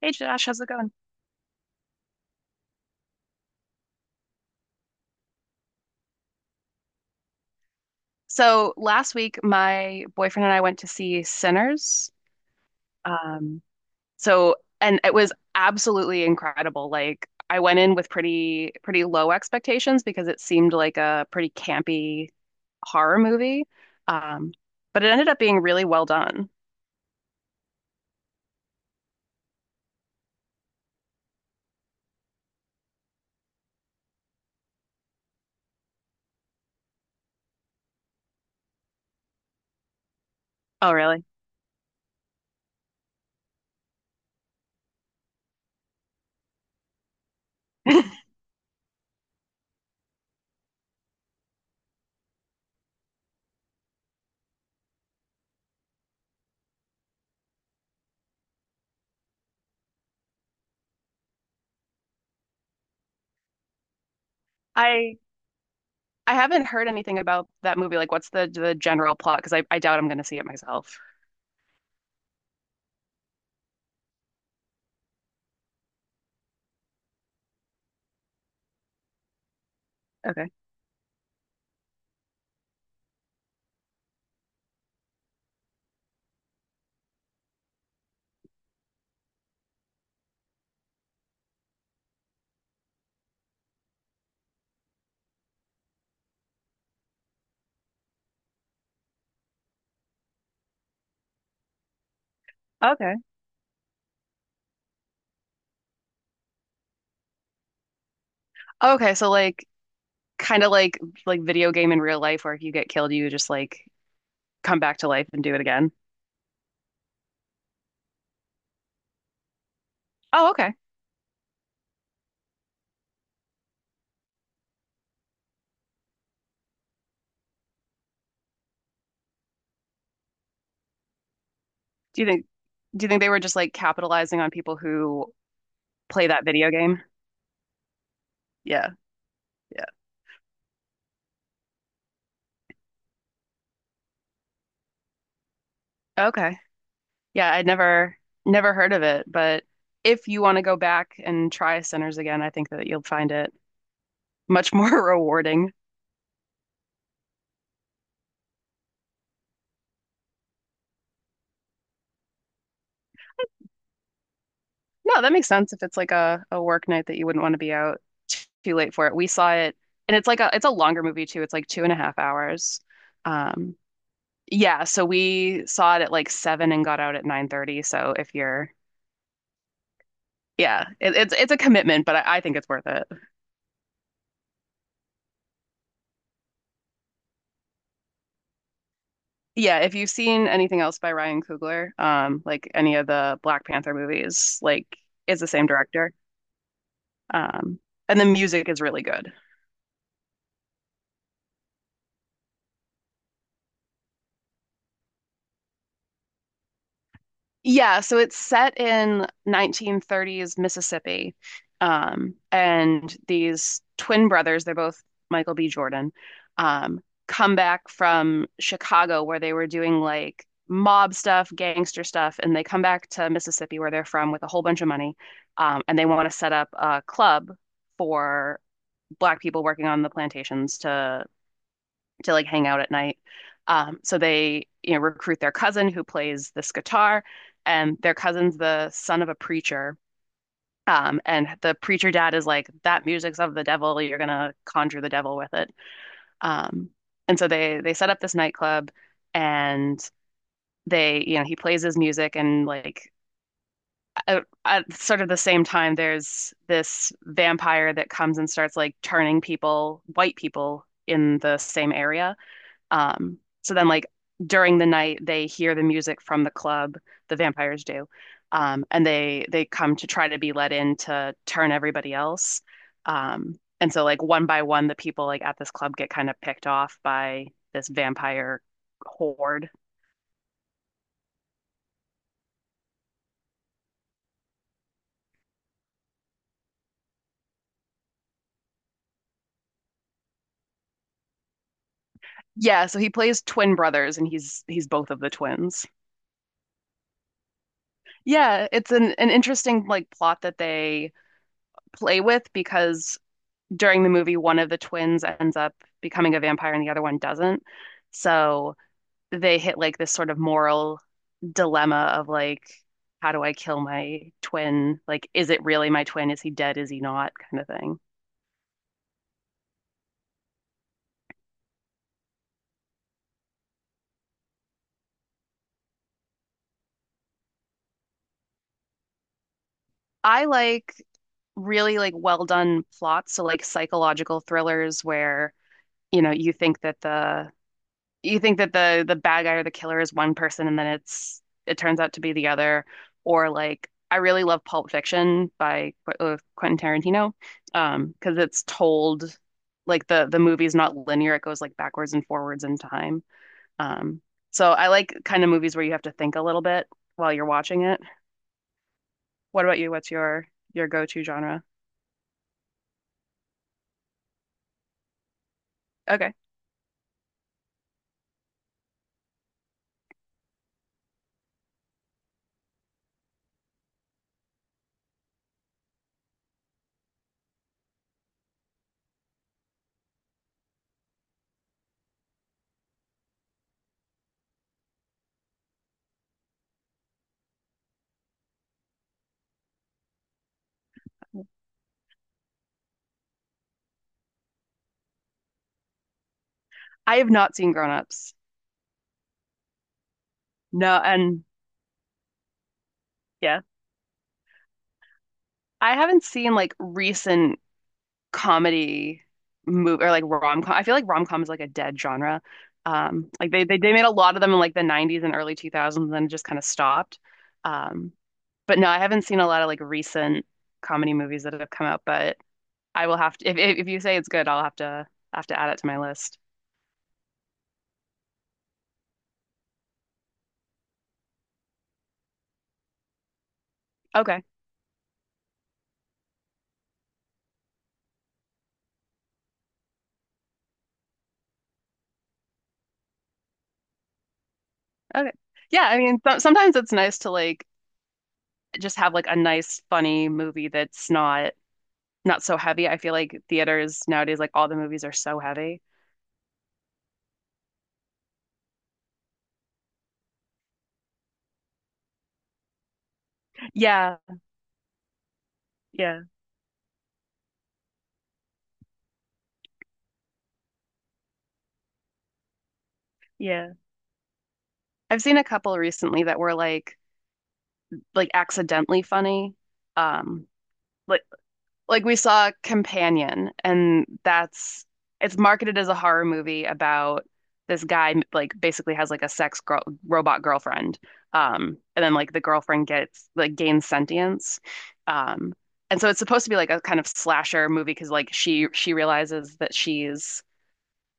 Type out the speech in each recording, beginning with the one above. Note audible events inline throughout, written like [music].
Hey Josh, how's it going? So last week, my boyfriend and I went to see Sinners. Um, and it was absolutely incredible. Like I went in with pretty low expectations because it seemed like a pretty campy horror movie. Um, but it ended up being really well done. Oh, really? [laughs] I I haven't heard anything about that movie. Like, what's the general plot? Because I doubt I'm going to see it myself. Okay. Okay. Okay, so like kind of like video game in real life where if you get killed, you just like come back to life and do it again. Oh, okay. Do you think do you think they were just like capitalizing on people who play that video game? Yeah. Yeah. Okay. Yeah, I'd never heard of it, but if you want to go back and try Sinners again, I think that you'll find it much more [laughs] rewarding. No, that makes sense if it's like a work night that you wouldn't want to be out too late for it. We saw it, and it's like a it's a longer movie too. It's like 2.5 hours. Um, Yeah, so we saw it at like seven and got out at 9:30. So if you're yeah, it's a commitment, but I think it's worth it. Yeah, if you've seen anything else by Ryan Coogler, like any of the Black Panther movies, like it's the same director. Um, and the music is really good. Yeah, so it's set in 1930s Mississippi. And these twin brothers, they're both Michael B. Jordan, um, come back from Chicago where they were doing like mob stuff, gangster stuff, and they come back to Mississippi where they're from with a whole bunch of money. And they want to set up a club for black people working on the plantations to like hang out at night. So they, you know, recruit their cousin who plays this guitar, and their cousin's the son of a preacher. And the preacher dad is like, that music's of the devil. You're gonna conjure the devil with it. Um, and so they set up this nightclub, and they, you know, he plays his music, and like at sort of the same time, there's this vampire that comes and starts like turning people, white people, in the same area, um, so then, like during the night, they hear the music from the club. The vampires do, and they come to try to be let in to turn everybody else. And so, like one by one, the people like at this club get kind of picked off by this vampire horde. Yeah, so he plays twin brothers, and he's both of the twins. Yeah, it's an interesting like plot that they play with because during the movie, one of the twins ends up becoming a vampire and the other one doesn't. So they hit like this sort of moral dilemma of like, how do I kill my twin? Like, is it really my twin? Is he dead? Is he not? Kind of thing. I like really like well done plots. So like psychological thrillers where, you know, you think that the bad guy or the killer is one person and then it turns out to be the other, or like I really love Pulp Fiction by Qu Quentin Tarantino, because it's told like the movie's not linear, it goes like backwards and forwards in time. um so I like kind of movies where you have to think a little bit while you're watching it. What about you, what's your go-to genre? Okay. I have not seen Grown Ups, no. And yeah, I haven't seen like recent comedy movie or like rom-com. I feel like rom-com is like a dead genre. Like they made a lot of them in like the 90s and early 2000s and then it just kind of stopped. Um, but no, I haven't seen a lot of like recent comedy movies that have come out, but I will have to if if you say it's good, I'll have to add it to my list. Okay. Okay. Yeah, I mean th sometimes it's nice to like just have like a nice funny movie that's not so heavy. I feel like theaters nowadays like all the movies are so heavy. Yeah. Yeah. Yeah. I've seen a couple recently that were like accidentally funny. Um, like like we saw Companion, and that's it's marketed as a horror movie about this guy like basically has like a sex girl robot girlfriend. And then like the girlfriend gets like gains sentience. Um, and so it's supposed to be like a kind of slasher movie because like she realizes that she's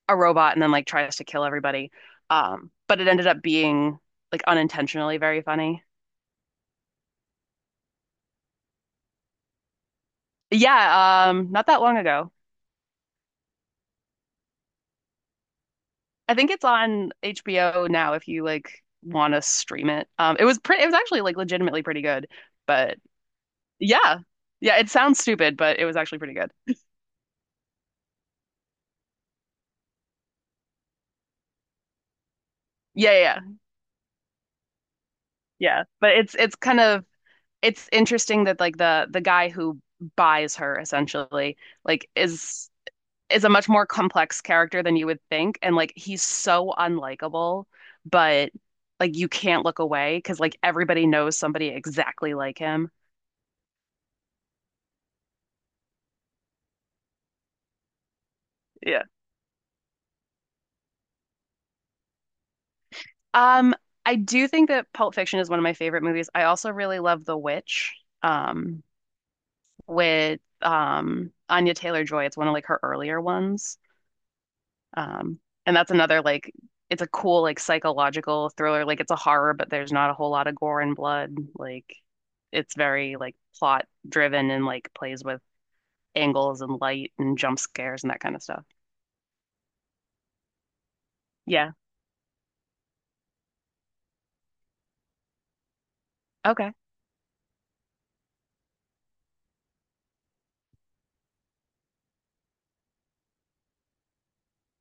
a robot and then like tries to kill everybody. But it ended up being like unintentionally very funny. Yeah, not that long ago. I think it's on HBO now if you like want to stream it. It was it was actually like legitimately pretty good. But yeah. Yeah, it sounds stupid, but it was actually pretty good. Yeah, yeah, yeah. Yeah. But it's kind of it's interesting that like the guy who buys her essentially like is a much more complex character than you would think, and like he's so unlikable, but like you can't look away because like everybody knows somebody exactly like him. Yeah. Um, I do think that Pulp Fiction is one of my favorite movies. I also really love The Witch, um, with Anya Taylor-Joy. It's one of like her earlier ones. Um, and that's another like it's a cool like psychological thriller. Like it's a horror, but there's not a whole lot of gore and blood. Like it's very like plot driven and like plays with angles and light and jump scares and that kind of stuff. Yeah. Okay.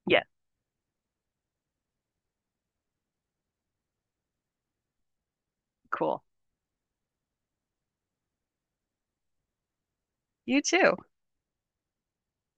Yeah. Cool. You too.